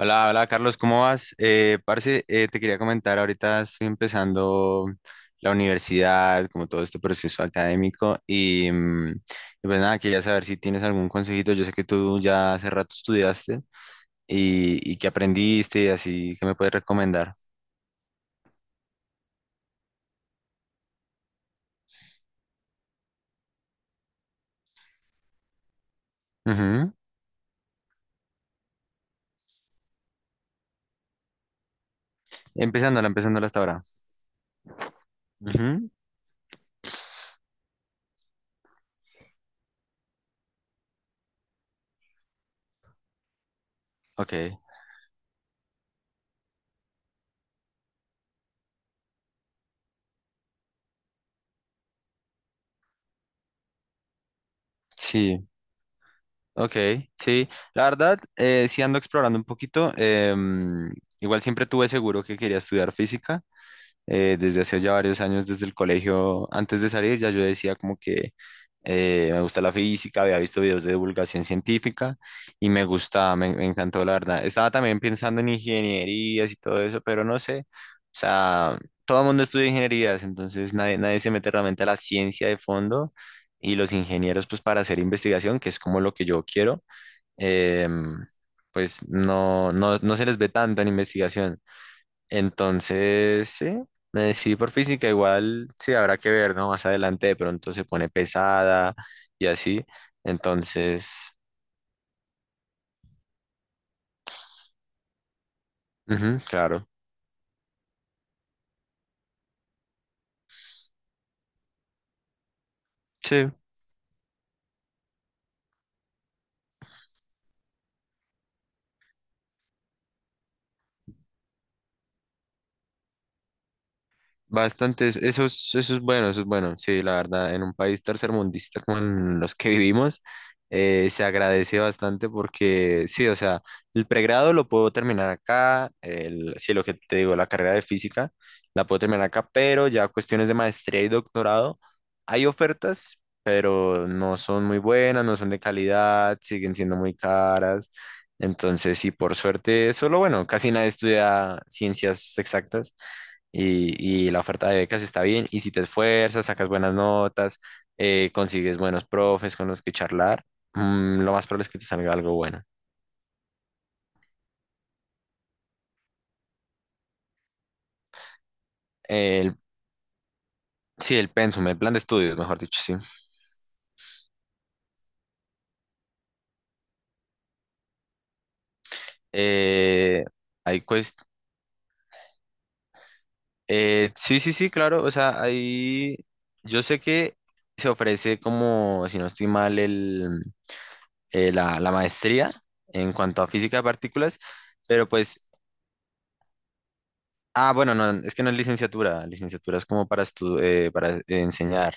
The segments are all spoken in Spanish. Hola, hola Carlos, ¿cómo vas? Parce, te quería comentar, ahorita estoy empezando la universidad, como todo este proceso académico, y pues nada, quería saber si tienes algún consejito. Yo sé que tú ya hace rato estudiaste y que aprendiste y así, ¿que me puedes recomendar? Ujú. Empezándola, empezándola hasta ahora. Ujú. Ok, sí, ok, sí. La verdad, sí ando explorando un poquito. Igual siempre tuve seguro que quería estudiar física. Desde hace ya varios años, desde el colegio, antes de salir, ya yo decía como que me gusta la física, había visto videos de divulgación científica y me gustaba, me encantó la verdad. Estaba también pensando en ingenierías y todo eso, pero no sé, o sea, todo el mundo estudia ingenierías, entonces nadie se mete realmente a la ciencia de fondo y los ingenieros pues para hacer investigación, que es como lo que yo quiero. em, pues no, no, no se les ve tanto en investigación. Entonces, sí, sí, por física igual, sí, habrá que ver, ¿no? Más adelante de pronto se pone pesada y así. Entonces, ujú, claro, sí. Bastantes, eso es bueno, eso es bueno. Sí, la verdad, en un país tercermundista como en los que vivimos, se agradece bastante porque, sí, o sea, el pregrado lo puedo terminar acá, sí, lo que te digo, la carrera de física la puedo terminar acá, pero ya cuestiones de maestría y doctorado, hay ofertas, pero no son muy buenas, no son de calidad, siguen siendo muy caras. Entonces, sí, por suerte, solo bueno, casi nadie estudia ciencias exactas y la oferta de becas está bien. Y si te esfuerzas, sacas buenas notas, consigues buenos profes con los que charlar, lo más probable es que te salga algo bueno. El, sí, el pensum, el plan de estudios, mejor dicho, sí. Eh, hay cuest- sí, sí, sí, claro. O sea, ahí yo sé que se ofrece como, si no estoy mal, la maestría en cuanto a física de partículas, pero pues. Ah, bueno, no, es que no es licenciatura. Licenciatura es como para enseñar.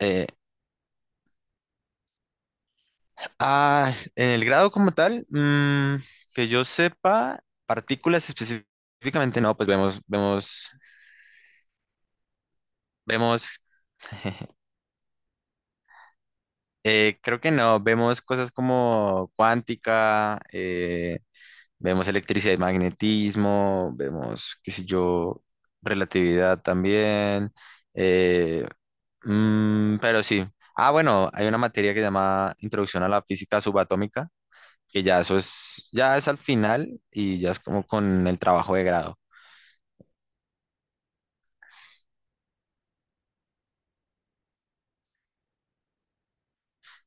Eh, ah, en el grado como tal, que yo sepa, partículas específicamente no, pues vemos, vemos, creo que no, vemos cosas como cuántica, vemos electricidad y magnetismo, vemos, qué sé yo, relatividad también. eh, pero sí. Ah, bueno, hay una materia que se llama Introducción a la Física Subatómica, que ya eso es, ya es al final y ya es como con el trabajo de grado.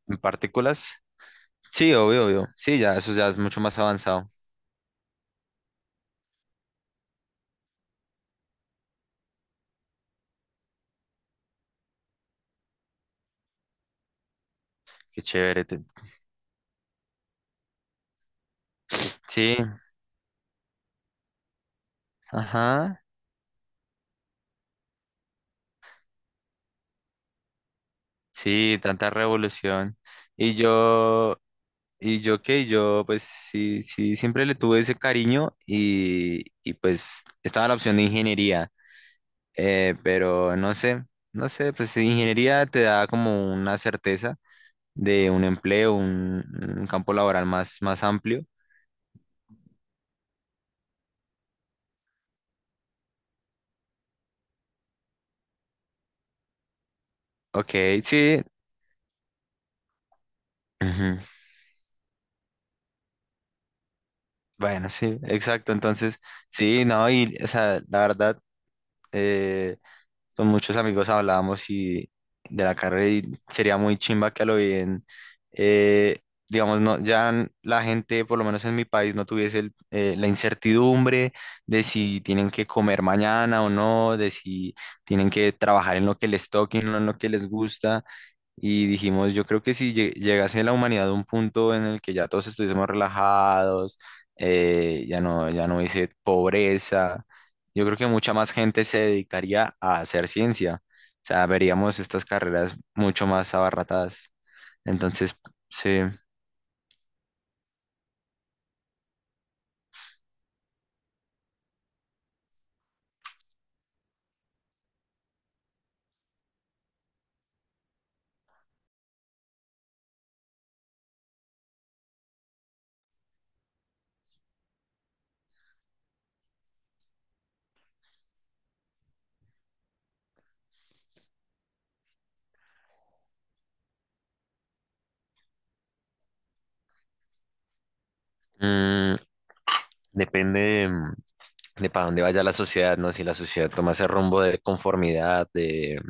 En partículas, sí, obvio, obvio. Sí, ya eso ya es mucho más avanzado. Qué chévere. Sí, ajá. Sí, tanta revolución. Y yo, y yo qué, yo pues sí, sí, siempre le tuve ese cariño y pues estaba la opción de ingeniería. Pero no sé, pues ingeniería te da como una certeza de un empleo, un campo laboral más, más amplio. Ok, sí. Ujú. Bueno, sí, exacto. Entonces, sí, no, y, o sea, la verdad, eh, con muchos amigos hablábamos y de la carrera y sería muy chimba que a lo bien, eh, digamos, no, la gente, por lo menos en mi país, no tuviese la incertidumbre de si tienen que comer mañana o no, de si tienen que trabajar en lo que les toque, y no en lo que les gusta. Y dijimos, yo creo que si llegase la humanidad a un punto en el que ya todos estuviésemos relajados, ya no, ya no hubiese pobreza, yo creo que mucha más gente se dedicaría a hacer ciencia. O sea, veríamos estas carreras mucho más abarratadas. Entonces, sí, mm, depende de para dónde vaya la sociedad, ¿no? Si la sociedad toma ese rumbo de conformidad, de,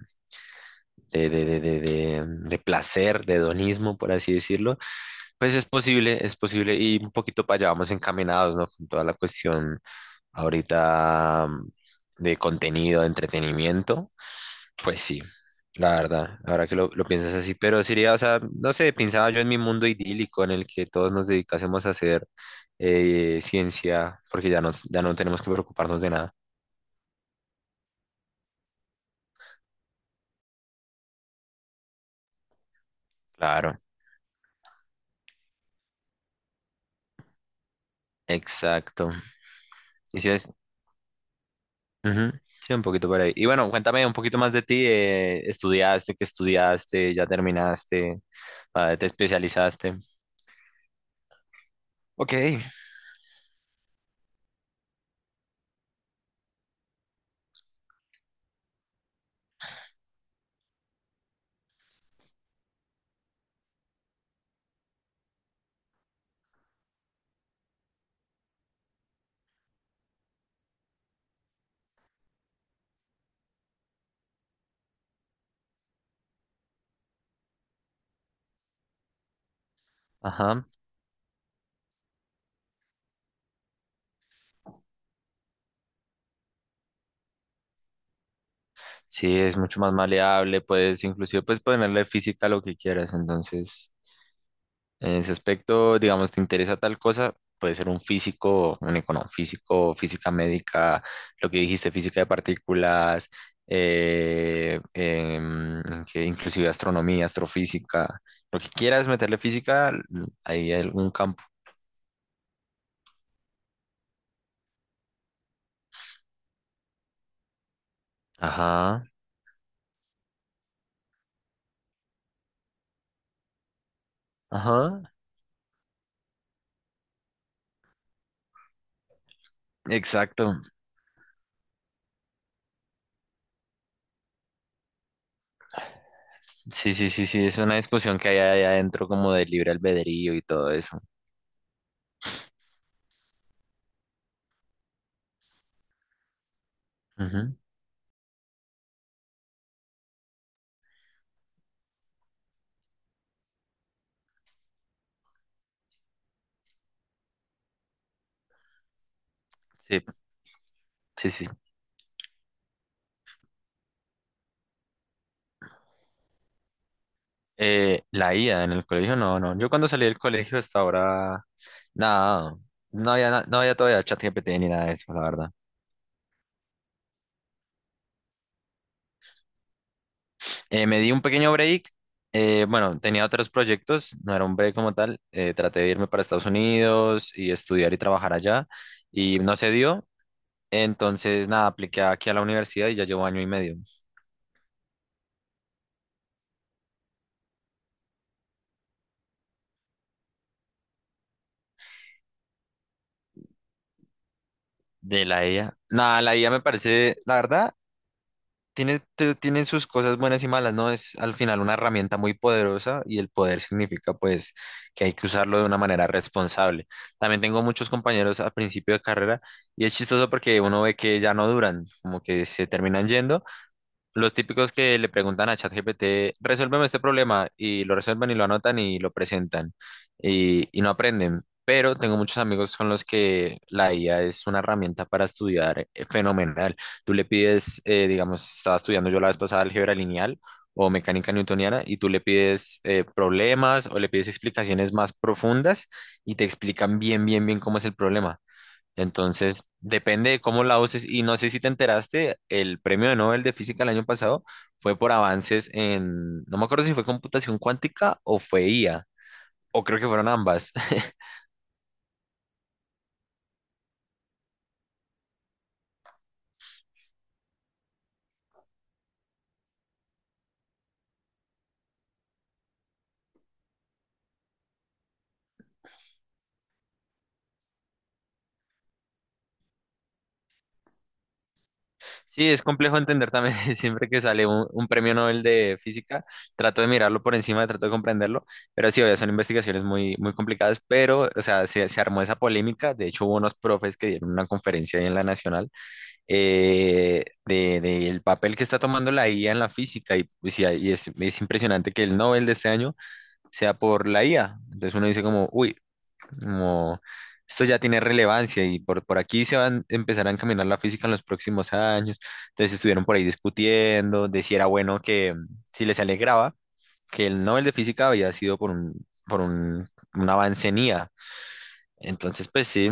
de, de, de, de, de de placer, de hedonismo, por así decirlo. Pues es posible, y un poquito para allá vamos encaminados, ¿no? Con toda la cuestión ahorita de contenido, de entretenimiento, pues sí, la verdad, ahora que lo piensas así, pero sería, o sea, no sé, pensaba yo en mi mundo idílico en el que todos nos dedicásemos a hacer ciencia, porque ya no tenemos que preocuparnos de nada. Claro, exacto. Y si es. Ujú. Sí, un poquito por ahí. Y bueno, cuéntame un poquito más de ti. ¿Estudiaste? ¿Qué estudiaste? ¿Ya terminaste? Ah, ¿te especializaste? Ok. Ajá. Sí, es mucho más maleable. Puedes inclusive puedes ponerle física a lo que quieras. Entonces, en ese aspecto, digamos, te interesa tal cosa, puede ser un físico, física médica, lo que dijiste, física de partículas, eh, em, que inclusive astronomía, astrofísica, lo que quieras meterle física, ahí hay algún campo. Ajá, ajá, exacto. Sí, sí, sí, sí, es una discusión que hay ahí adentro como de libre albedrío y todo eso. Ujú. Sí, sí, sí. La ida en el colegio, no, no. Yo cuando salí del colegio hasta ahora, nada, no había todavía chat GPT ni nada de eso, la verdad. Me di un pequeño break. Bueno, tenía otros proyectos, no era un break como tal. Traté de irme para Estados Unidos y estudiar y trabajar allá y no se dio. Entonces, nada, apliqué aquí a la universidad y ya llevo año y medio. De la IA, nada, la IA me parece, la verdad, tiene sus cosas buenas y malas, ¿no? Es al final una herramienta muy poderosa y el poder significa pues que hay que usarlo de una manera responsable. También tengo muchos compañeros al principio de carrera y es chistoso porque uno ve que ya no duran, como que se terminan yendo los típicos que le preguntan a ChatGPT, resuélveme este problema, y lo resuelven y lo anotan y lo presentan, y no aprenden. Pero tengo muchos amigos con los que la IA es una herramienta para estudiar fenomenal. Tú le pides, digamos, estaba estudiando yo la vez pasada álgebra lineal o mecánica newtoniana, y tú le pides problemas o le pides explicaciones más profundas y te explican bien, bien, bien cómo es el problema. Entonces, depende de cómo la uses. Y no sé si te enteraste, el premio de Nobel de Física el año pasado fue por avances en, no me acuerdo si fue computación cuántica o fue IA, o creo que fueron ambas. Sí, es complejo entender también, siempre que sale un premio Nobel de Física, trato de mirarlo por encima, trato de comprenderlo, pero sí, obvio, son investigaciones muy, muy complicadas, pero, o sea, se armó esa polémica, de hecho hubo unos profes que dieron una conferencia ahí en la Nacional de el papel que está tomando la IA en la física y, pues, y es impresionante que el Nobel de este año sea por la IA. Entonces uno dice como, uy, como esto ya tiene relevancia y por aquí se van a empezar a encaminar la física en los próximos años. Entonces estuvieron por ahí discutiendo de si era bueno que, si les alegraba que el Nobel de física había sido por un avance en IA. Entonces, pues sí.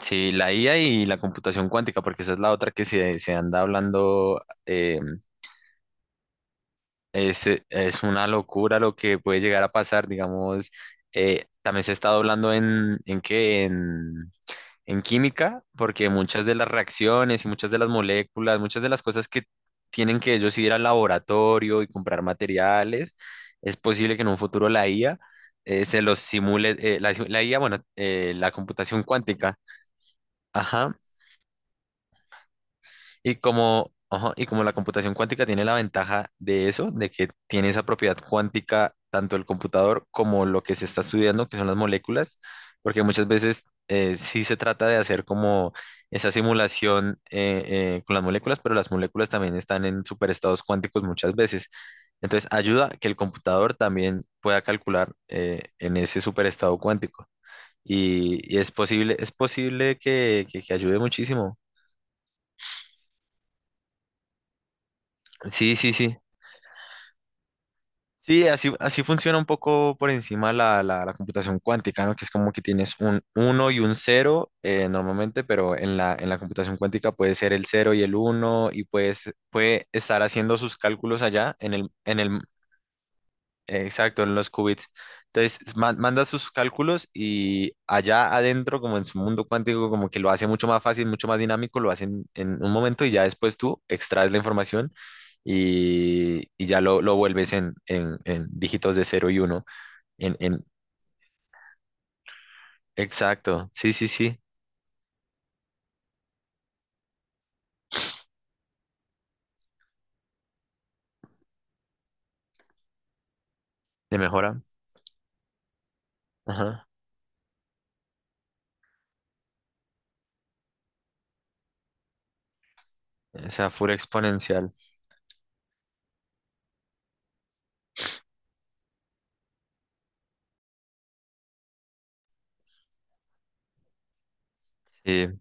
Sí, la IA y la computación cuántica, porque esa es la otra que se anda hablando, es una locura lo que puede llegar a pasar, digamos, también se está hablando en química, porque muchas de las reacciones y muchas de las moléculas, muchas de las cosas que tienen que ellos ir al laboratorio y comprar materiales, es posible que en un futuro la IA se los simule, la IA, bueno, la computación cuántica. Ajá, y como, ajá, y como la computación cuántica tiene la ventaja de eso, de que tiene esa propiedad cuántica tanto el computador como lo que se está estudiando, que son las moléculas, porque muchas veces sí se trata de hacer como esa simulación con las moléculas, pero las moléculas también están en superestados cuánticos muchas veces. Entonces ayuda a que el computador también pueda calcular en ese superestado cuántico. Y es posible que ayude muchísimo. Sí, sí, sí. Sí, así funciona un poco por encima la computación cuántica, ¿no? Que es como que tienes un uno y un 0 normalmente, pero en la computación cuántica puede ser el cero y el uno y puede estar haciendo sus cálculos allá en el. Exacto, en los qubits. Entonces, manda sus cálculos y allá adentro, como en su mundo cuántico, como que lo hace mucho más fácil, mucho más dinámico, lo hacen en un momento y ya después tú extraes la información y ya lo vuelves en dígitos de cero y uno, En, en, exacto, sí, sí, sí, de mejora. Ajá, o sea, pura exponencial. Sí,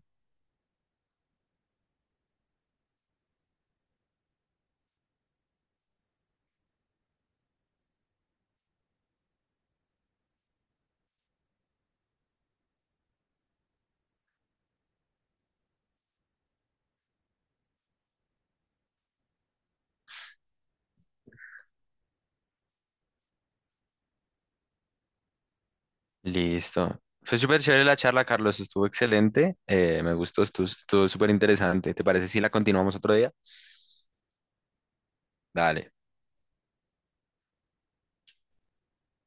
listo. Fue súper chévere la charla, Carlos, estuvo excelente. Me gustó, estuvo súper interesante. ¿Te parece si la continuamos otro día? Dale.